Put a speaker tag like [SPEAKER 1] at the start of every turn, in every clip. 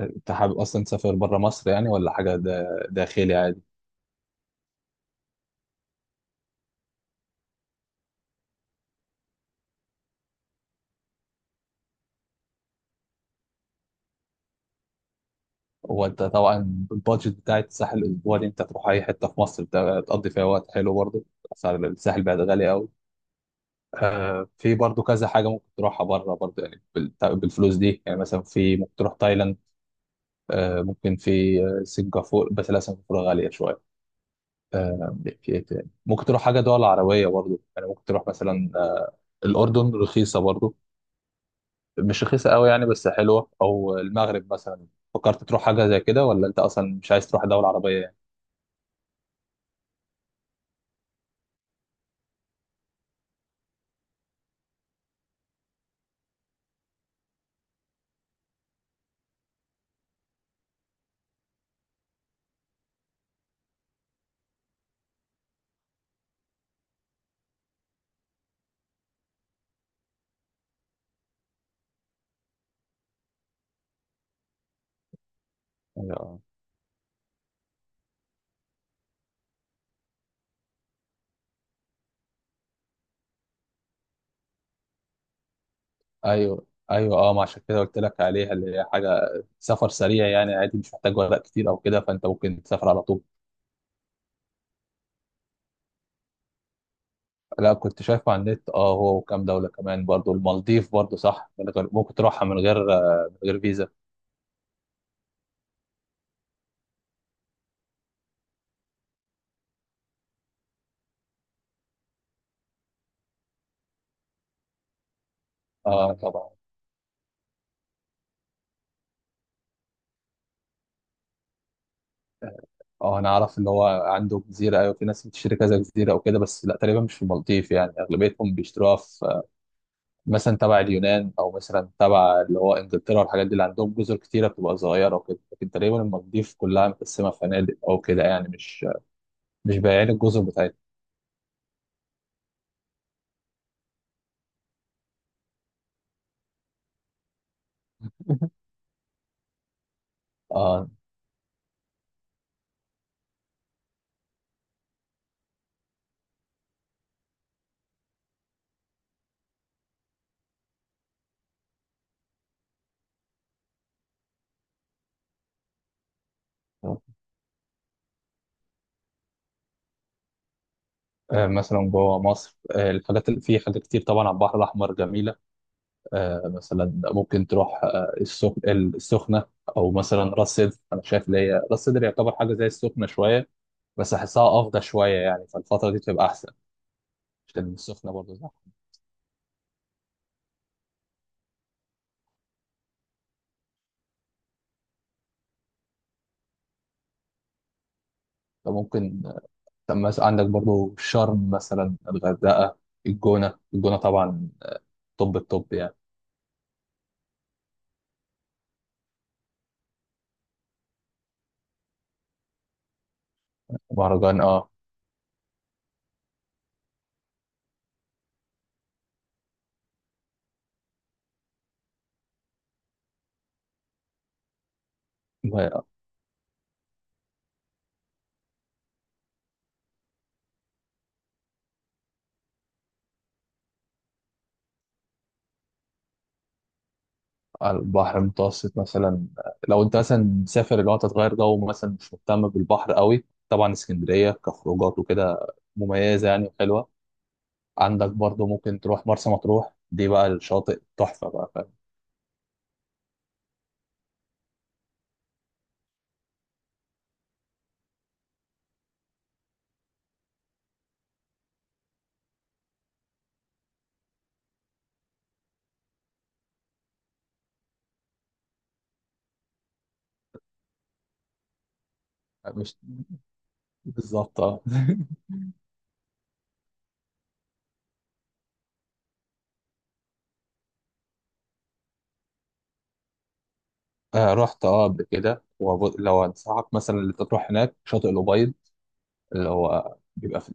[SPEAKER 1] انت حابب اصلا تسافر بره مصر يعني، ولا حاجه داخلي عادي؟ هو انت طبعا، البادجت بتاعت الساحل الاسبوعي دي انت تروح اي حته في مصر تقضي فيها وقت حلو برضه. اسعار الساحل بقت غاليه قوي. في برضه كذا حاجه ممكن تروحها بره برضه يعني بالفلوس دي. يعني مثلا في ممكن تروح تايلاند. ممكن في سنغافوره. بس لا، سنغافوره غاليه شويه. آه. في ايه تاني ممكن تروح، حاجه دول عربيه برضه يعني. ممكن تروح مثلا الاردن، رخيصه برضه. مش رخيصة قوي يعني، بس حلوة. أو المغرب مثلا. فكرت تروح حاجة زي كده، ولا أنت أصلا مش عايز تروح دولة عربية يعني؟ اه، أيوه، أيوه، أه، ما عشان كده قلت لك عليها، اللي هي حاجة سفر سريع يعني، عادي، مش محتاج ورق كتير أو كده. فأنت ممكن تسافر على طول. لا، كنت شايفه على النت. هو وكام دولة كمان برضو، المالديف برضو، صح، من غير ممكن تروحها من غير من غير فيزا. أه، طبعا. أه، أنا أعرف، اللي هو عنده جزيرة. أيوه، في ناس بتشتري كذا جزيرة أو كده، بس لا، تقريبا مش في المالديف يعني. أغلبيتهم بيشتروها في مثلا تبع اليونان، او مثلا تبع اللي هو انجلترا والحاجات دي، اللي عندهم جزر كتيره بتبقى صغيره وكده. لكن تقريبا المالديف كلها متقسمه فنادق او كده، يعني مش بايعين الجزر بتاعتها. آه مثلا جوه مصر، الحاجات اللي في، حاجات كتير طبعا على البحر الاحمر جميله. مثلا ممكن تروح السخنه. او مثلا راس سدر. انا شايف اللي هي راس سدر يعتبر حاجه زي السخنه شويه، بس احسها افضل شويه يعني. فالفتره دي بتبقى احسن، عشان السخنه برضه زحمه. فممكن. طب مثلا عندك برضو شرم، مثلا الغردقة، الجونة، الجونة طبعا. طب يعني. مهرجان، اه. و- على البحر المتوسط مثلا، لو انت مثلا مسافر، اللي هو أنت تغير جو مثلا، مش مهتم بالبحر قوي، طبعا اسكندرية كخروجات وكده مميزة يعني، وحلوة. عندك برضو ممكن تروح مرسى مطروح. دي بقى الشاطئ تحفة بقى، فاهم؟ يعني مش. بالظبط، اه. رحت، اه، قبل كده. ولو انصحك مثلا اللي أنت تروح هناك شاطئ الأبيض، اللي هو بيبقى في.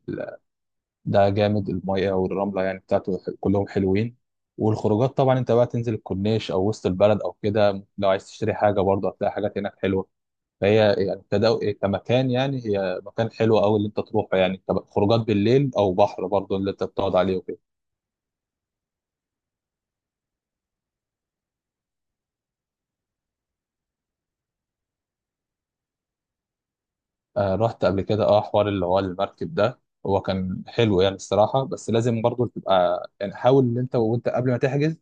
[SPEAKER 1] ده جامد. المية والرملة يعني بتاعته، كلهم حلوين. والخروجات طبعا، انت بقى تنزل الكورنيش او وسط البلد او كده. لو عايز تشتري حاجة برضه هتلاقي حاجات هناك حلوة. فهي يعني كمكان، يعني هي مكان حلو قوي اللي انت تروحه. يعني خروجات بالليل، او بحر برضه اللي انت بتقعد عليه وكده. رحت قبل كده، اه، حوار اللي هو المركب ده. هو كان حلو يعني الصراحة، بس لازم برضه تبقى يعني، حاول ان انت قبل ما تحجز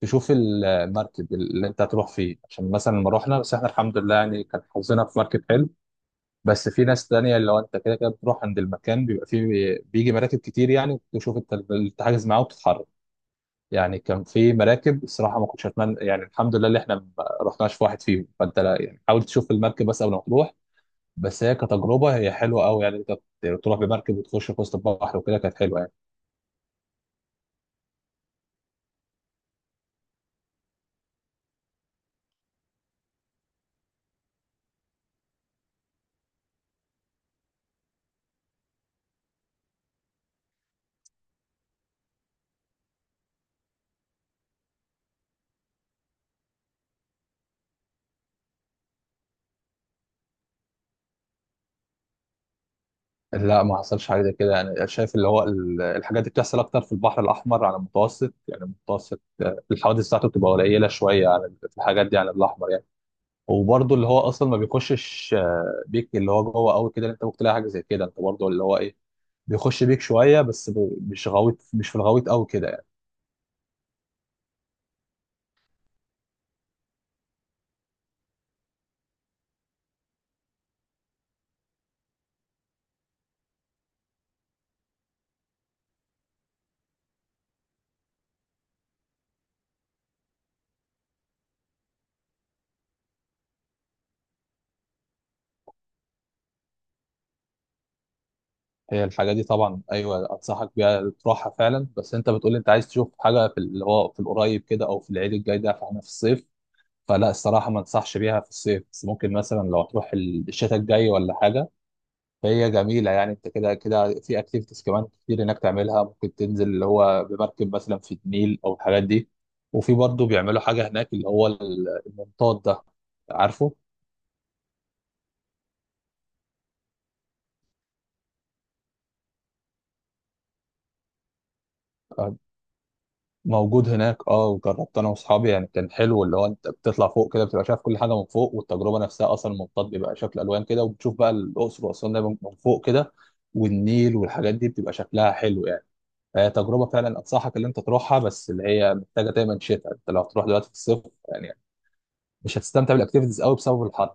[SPEAKER 1] تشوف المركب اللي انت هتروح فيه. عشان مثلا لما رحنا، بس احنا الحمد لله يعني، كان حظنا في مركب حلو. بس في ناس تانية، اللي هو انت كده كده بتروح عند المكان، بيبقى فيه بيجي مراكب كتير. يعني تشوف انت اللي تحجز معاه وتتحرك. يعني كان في مراكب الصراحة ما كنتش اتمنى يعني، الحمد لله اللي احنا ما رحناش في واحد فيهم. فانت لا يعني، حاول تشوف المركب بس قبل ما تروح. بس هي كتجربة هي حلوة قوي يعني. انت تروح بمركب وتخش في وسط البحر وكده، كانت حلوة. لا، ما حصلش حاجه زي كده يعني. شايف اللي هو الحاجات دي بتحصل اكتر في البحر الاحمر على المتوسط يعني. المتوسط الحوادث بتاعته بتبقى قليله شويه على في الحاجات دي على الاحمر يعني. وبرده اللي هو اصلا ما بيخشش بيك اللي هو جوه قوي كده. انت ممكن تلاقي حاجه زي كده. انت برده اللي هو ايه، بيخش بيك شويه، بس مش غويط، مش في الغويط قوي كده يعني. هي الحاجه دي طبعا ايوه، انصحك بيها تروحها فعلا. بس انت بتقول انت عايز تشوف حاجه في اللي هو في القريب كده، او في العيد الجاي ده، فاحنا في الصيف. فلا الصراحة، ما انصحش بيها في الصيف، بس ممكن مثلا لو تروح الشتاء الجاي ولا حاجة. فهي جميلة يعني. انت كده كده في اكتيفيتيز كمان كتير هناك تعملها. ممكن تنزل اللي هو بمركب مثلا في النيل او الحاجات دي. وفي برضه بيعملوا حاجة هناك، اللي هو المنطاد ده، عارفه؟ آه، موجود هناك، اه. وجربت انا واصحابي، يعني كان حلو. اللي هو انت بتطلع فوق كده، بتبقى شايف كل حاجة من فوق. والتجربة نفسها اصلا، المنطاد بيبقى شكل الوان كده، وبتشوف بقى الاقصر واسوان دايما من فوق كده، والنيل والحاجات دي بتبقى شكلها حلو يعني. هي تجربه فعلا انصحك اللي انت تروحها، بس اللي هي محتاجه دايما شتاء. انت لو تروح دلوقتي في الصيف يعني، مش هتستمتع بالاكتيفيتيز قوي بسبب الحر.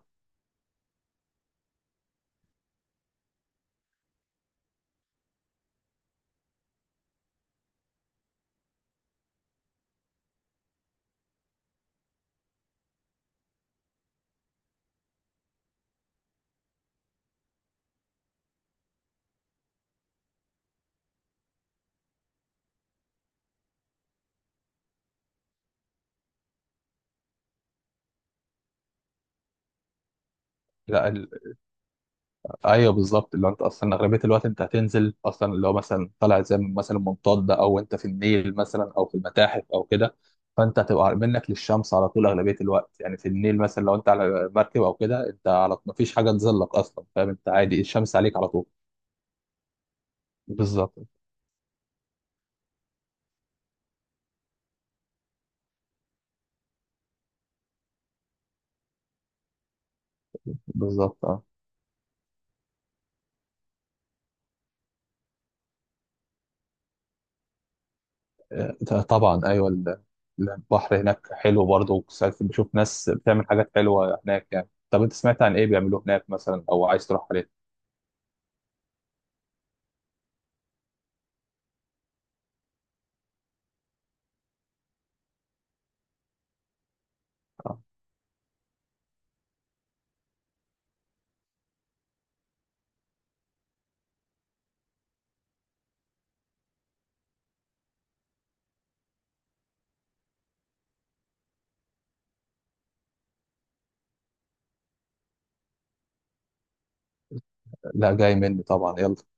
[SPEAKER 1] لا، ايوه، بالظبط. اللي هو انت اصلا اغلبيه الوقت انت هتنزل اصلا، اللي هو مثلا طالع زي مثلا منطاد، او انت في النيل مثلا، او في المتاحف او كده. فانت هتبقى منك للشمس على طول اغلبيه الوقت. يعني في النيل مثلا، لو انت على مركب او كده، انت على ما فيش حاجه تظلك اصلا، فاهم؟ انت عادي، الشمس عليك على طول. بالظبط، بالظبط، آه. طبعا ايوه، البحر هناك حلو برضه. وساعات بشوف ناس بتعمل حاجات حلوه هناك يعني. طب انت سمعت عن ايه بيعملوه هناك مثلا، او عايز تروح عليه؟ آه، لا، جاي مني طبعا، يلا.